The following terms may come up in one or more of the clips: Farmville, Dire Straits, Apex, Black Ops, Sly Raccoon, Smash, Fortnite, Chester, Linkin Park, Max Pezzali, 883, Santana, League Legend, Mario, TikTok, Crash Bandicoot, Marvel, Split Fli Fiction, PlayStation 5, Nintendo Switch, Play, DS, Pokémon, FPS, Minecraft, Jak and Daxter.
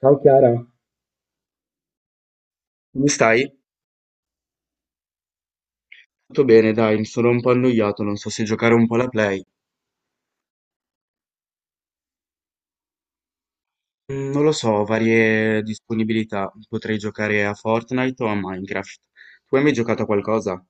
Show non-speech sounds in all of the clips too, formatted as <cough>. Ciao Chiara, come stai? Tutto bene, dai, mi sono un po' annoiato, non so se giocare un po' alla Play. Non lo so, varie disponibilità. Potrei giocare a Fortnite o a Minecraft. Tu hai mai giocato a qualcosa?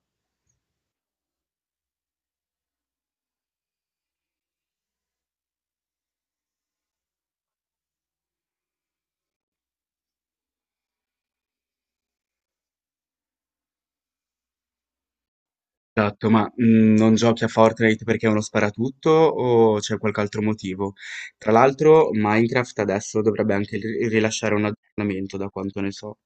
Esatto, ma non giochi a Fortnite perché è uno sparatutto o c'è qualche altro motivo? Tra l'altro, Minecraft adesso dovrebbe anche rilasciare un aggiornamento, da quanto ne so.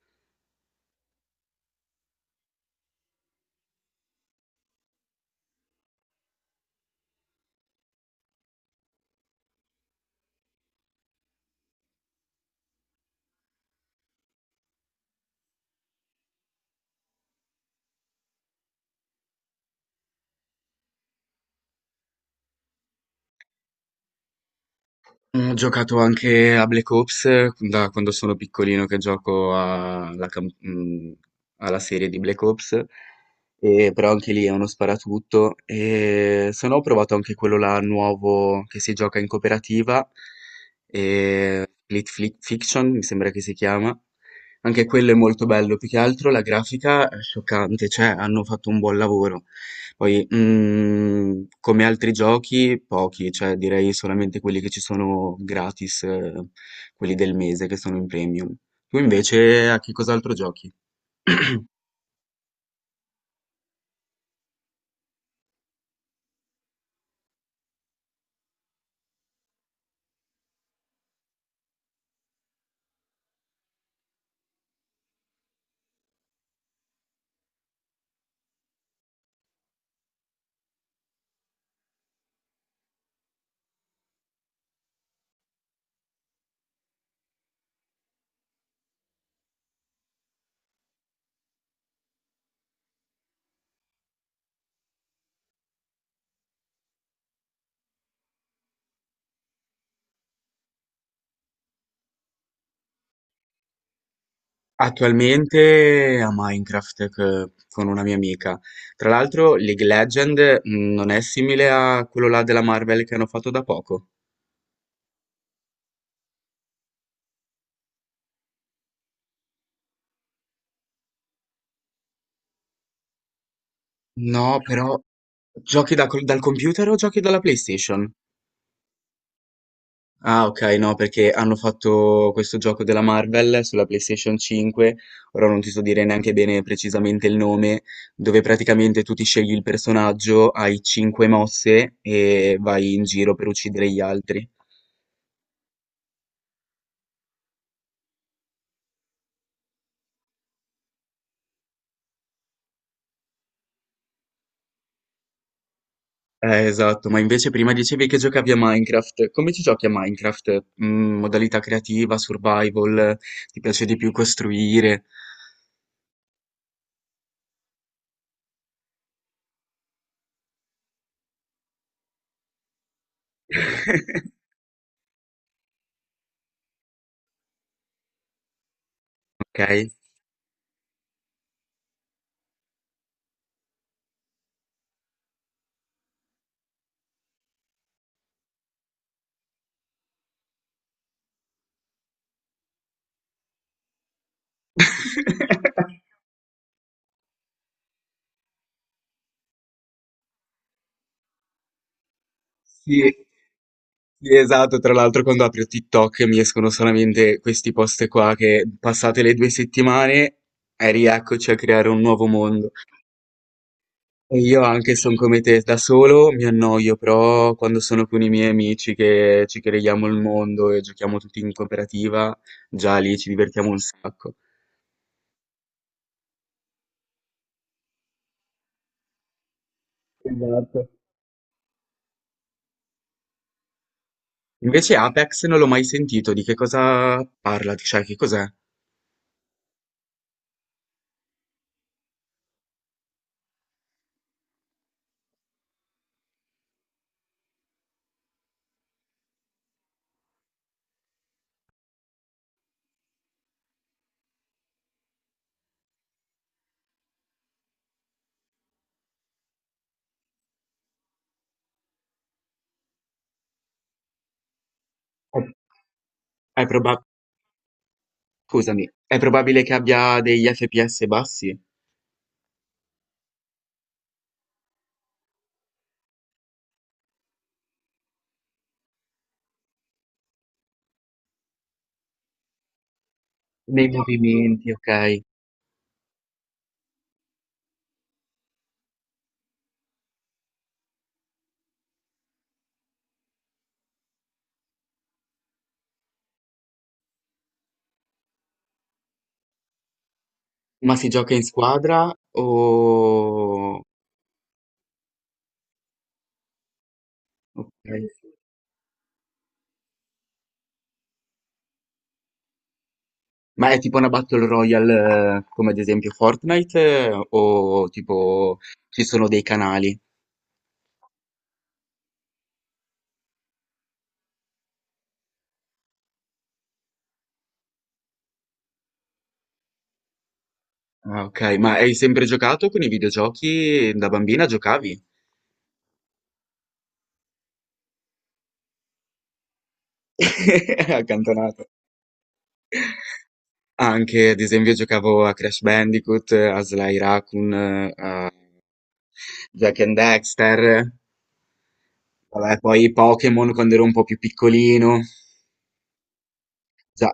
Mhmm, Ho giocato anche a Black Ops da quando sono piccolino che gioco alla cam alla serie di Black Ops, e però anche lì è uno sparatutto. E se no ho provato anche quello là nuovo che si gioca in cooperativa, Split Fli Fiction mi sembra che si chiama. Anche quello è molto bello, più che altro la grafica è scioccante, cioè hanno fatto un buon lavoro. Poi, come altri giochi, pochi, cioè direi solamente quelli che ci sono gratis, quelli del mese che sono in premium. Tu invece a che cos'altro giochi? Attualmente a Minecraft con una mia amica. Tra l'altro, League Legend non è simile a quello là della Marvel che hanno fatto da poco. No, però giochi dal computer o giochi dalla PlayStation? Ah, ok, no, perché hanno fatto questo gioco della Marvel sulla PlayStation 5, ora non ti so dire neanche bene precisamente il nome, dove praticamente tu ti scegli il personaggio, hai 5 mosse e vai in giro per uccidere gli altri. Esatto, ma invece prima dicevi che giocavi a Minecraft. Come ci giochi a Minecraft? Modalità creativa, survival, ti piace di più costruire? <laughs> Ok. <laughs> Sì. Sì, esatto, tra l'altro quando apro TikTok mi escono solamente questi post qua che passate le due settimane e rieccoci a creare un nuovo mondo. E io anche sono come te, da solo mi annoio, però quando sono con i miei amici che ci creiamo il mondo e giochiamo tutti in cooperativa, già lì ci divertiamo un sacco. Esatto. Invece Apex non l'ho mai sentito, di che cosa parla? Cioè, che cos'è? È proba- Scusami, è probabile che abbia degli FPS bassi? Nei movimenti, okay. Ma si gioca in squadra o okay. Ma è tipo una battle royale come ad esempio Fortnite o tipo ci sono dei canali? Ah, okay. Ma hai sempre giocato con i videogiochi? Da bambina giocavi? <laughs> Accantonato. Anche ad esempio giocavo a Crash Bandicoot, a Sly Raccoon, a Jak and Daxter, vabbè poi Pokémon quando ero un po' più piccolino. Già.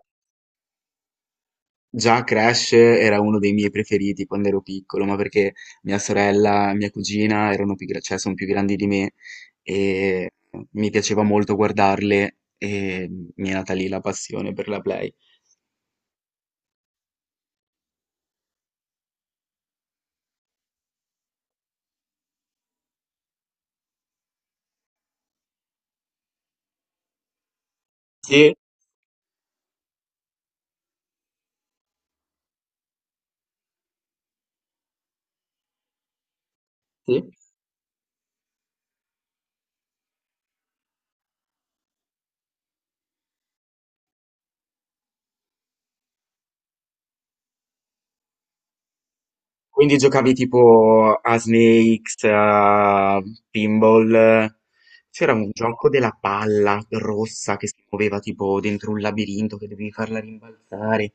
Già Crash era uno dei miei preferiti quando ero piccolo, ma perché mia sorella, mia cugina erano più, cioè, sono più grandi di me e mi piaceva molto guardarle e mi è nata lì la passione per la Play. Sì, sì. Quindi giocavi tipo a Snakes, a Pinball. C'era un gioco della palla rossa che si muoveva tipo dentro un labirinto che dovevi farla rimbalzare.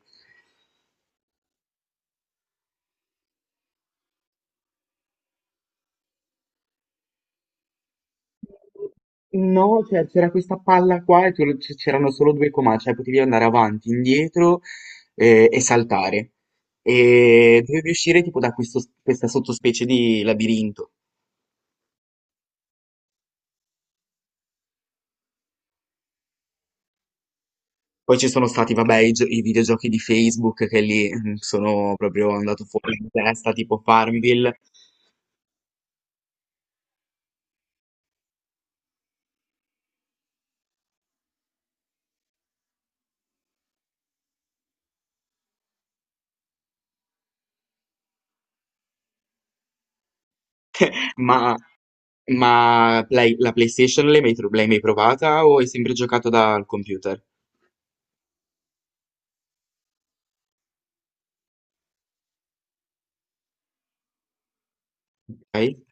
No, cioè c'era questa palla qua e c'erano solo due comandi, cioè potevi andare avanti, indietro e saltare. E dovevi uscire tipo da questa sottospecie di labirinto. Poi ci sono stati, vabbè, i, i videogiochi di Facebook che lì sono proprio andato fuori di testa, tipo Farmville. Ma, ma la PlayStation l'hai mai, l'hai mai provata o hai sempre giocato dal computer? Ok?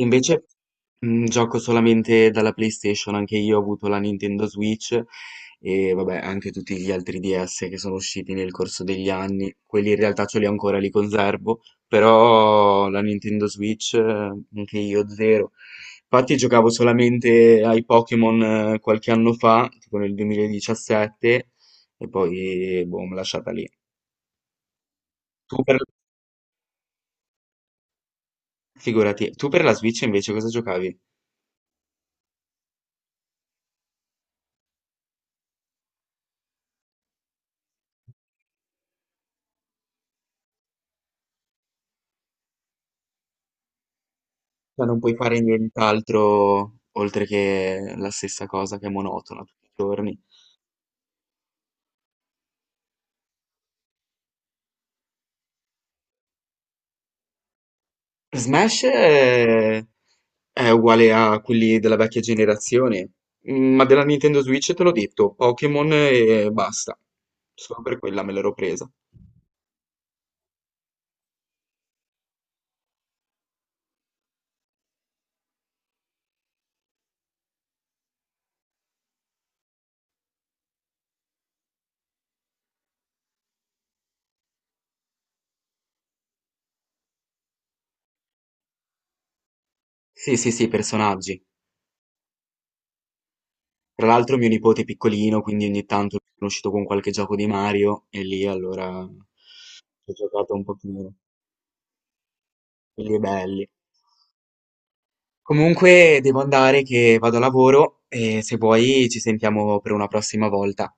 Invece, gioco solamente dalla PlayStation, anche io ho avuto la Nintendo Switch e vabbè, anche tutti gli altri DS che sono usciti nel corso degli anni. Quelli in realtà ce li ho ancora, li conservo, però la Nintendo Switch, anche io zero. Infatti giocavo solamente ai Pokémon qualche anno fa, tipo nel 2017, e poi boh, mi lasciata lì. Tu per... Figurati, tu per la Switch invece cosa giocavi? Cioè non puoi fare nient'altro oltre che la stessa cosa che è monotona tutti i giorni. Smash è uguale a quelli della vecchia generazione, ma della Nintendo Switch te l'ho detto, Pokémon e basta. Solo per quella me l'ero presa. Sì, sì, sì, personaggi. Tra l'altro mio nipote è piccolino, quindi ogni tanto sono uscito con qualche gioco di Mario e lì allora ci ho giocato un pochino, quelli belli. Comunque devo andare che vado a lavoro e se vuoi ci sentiamo per una prossima volta.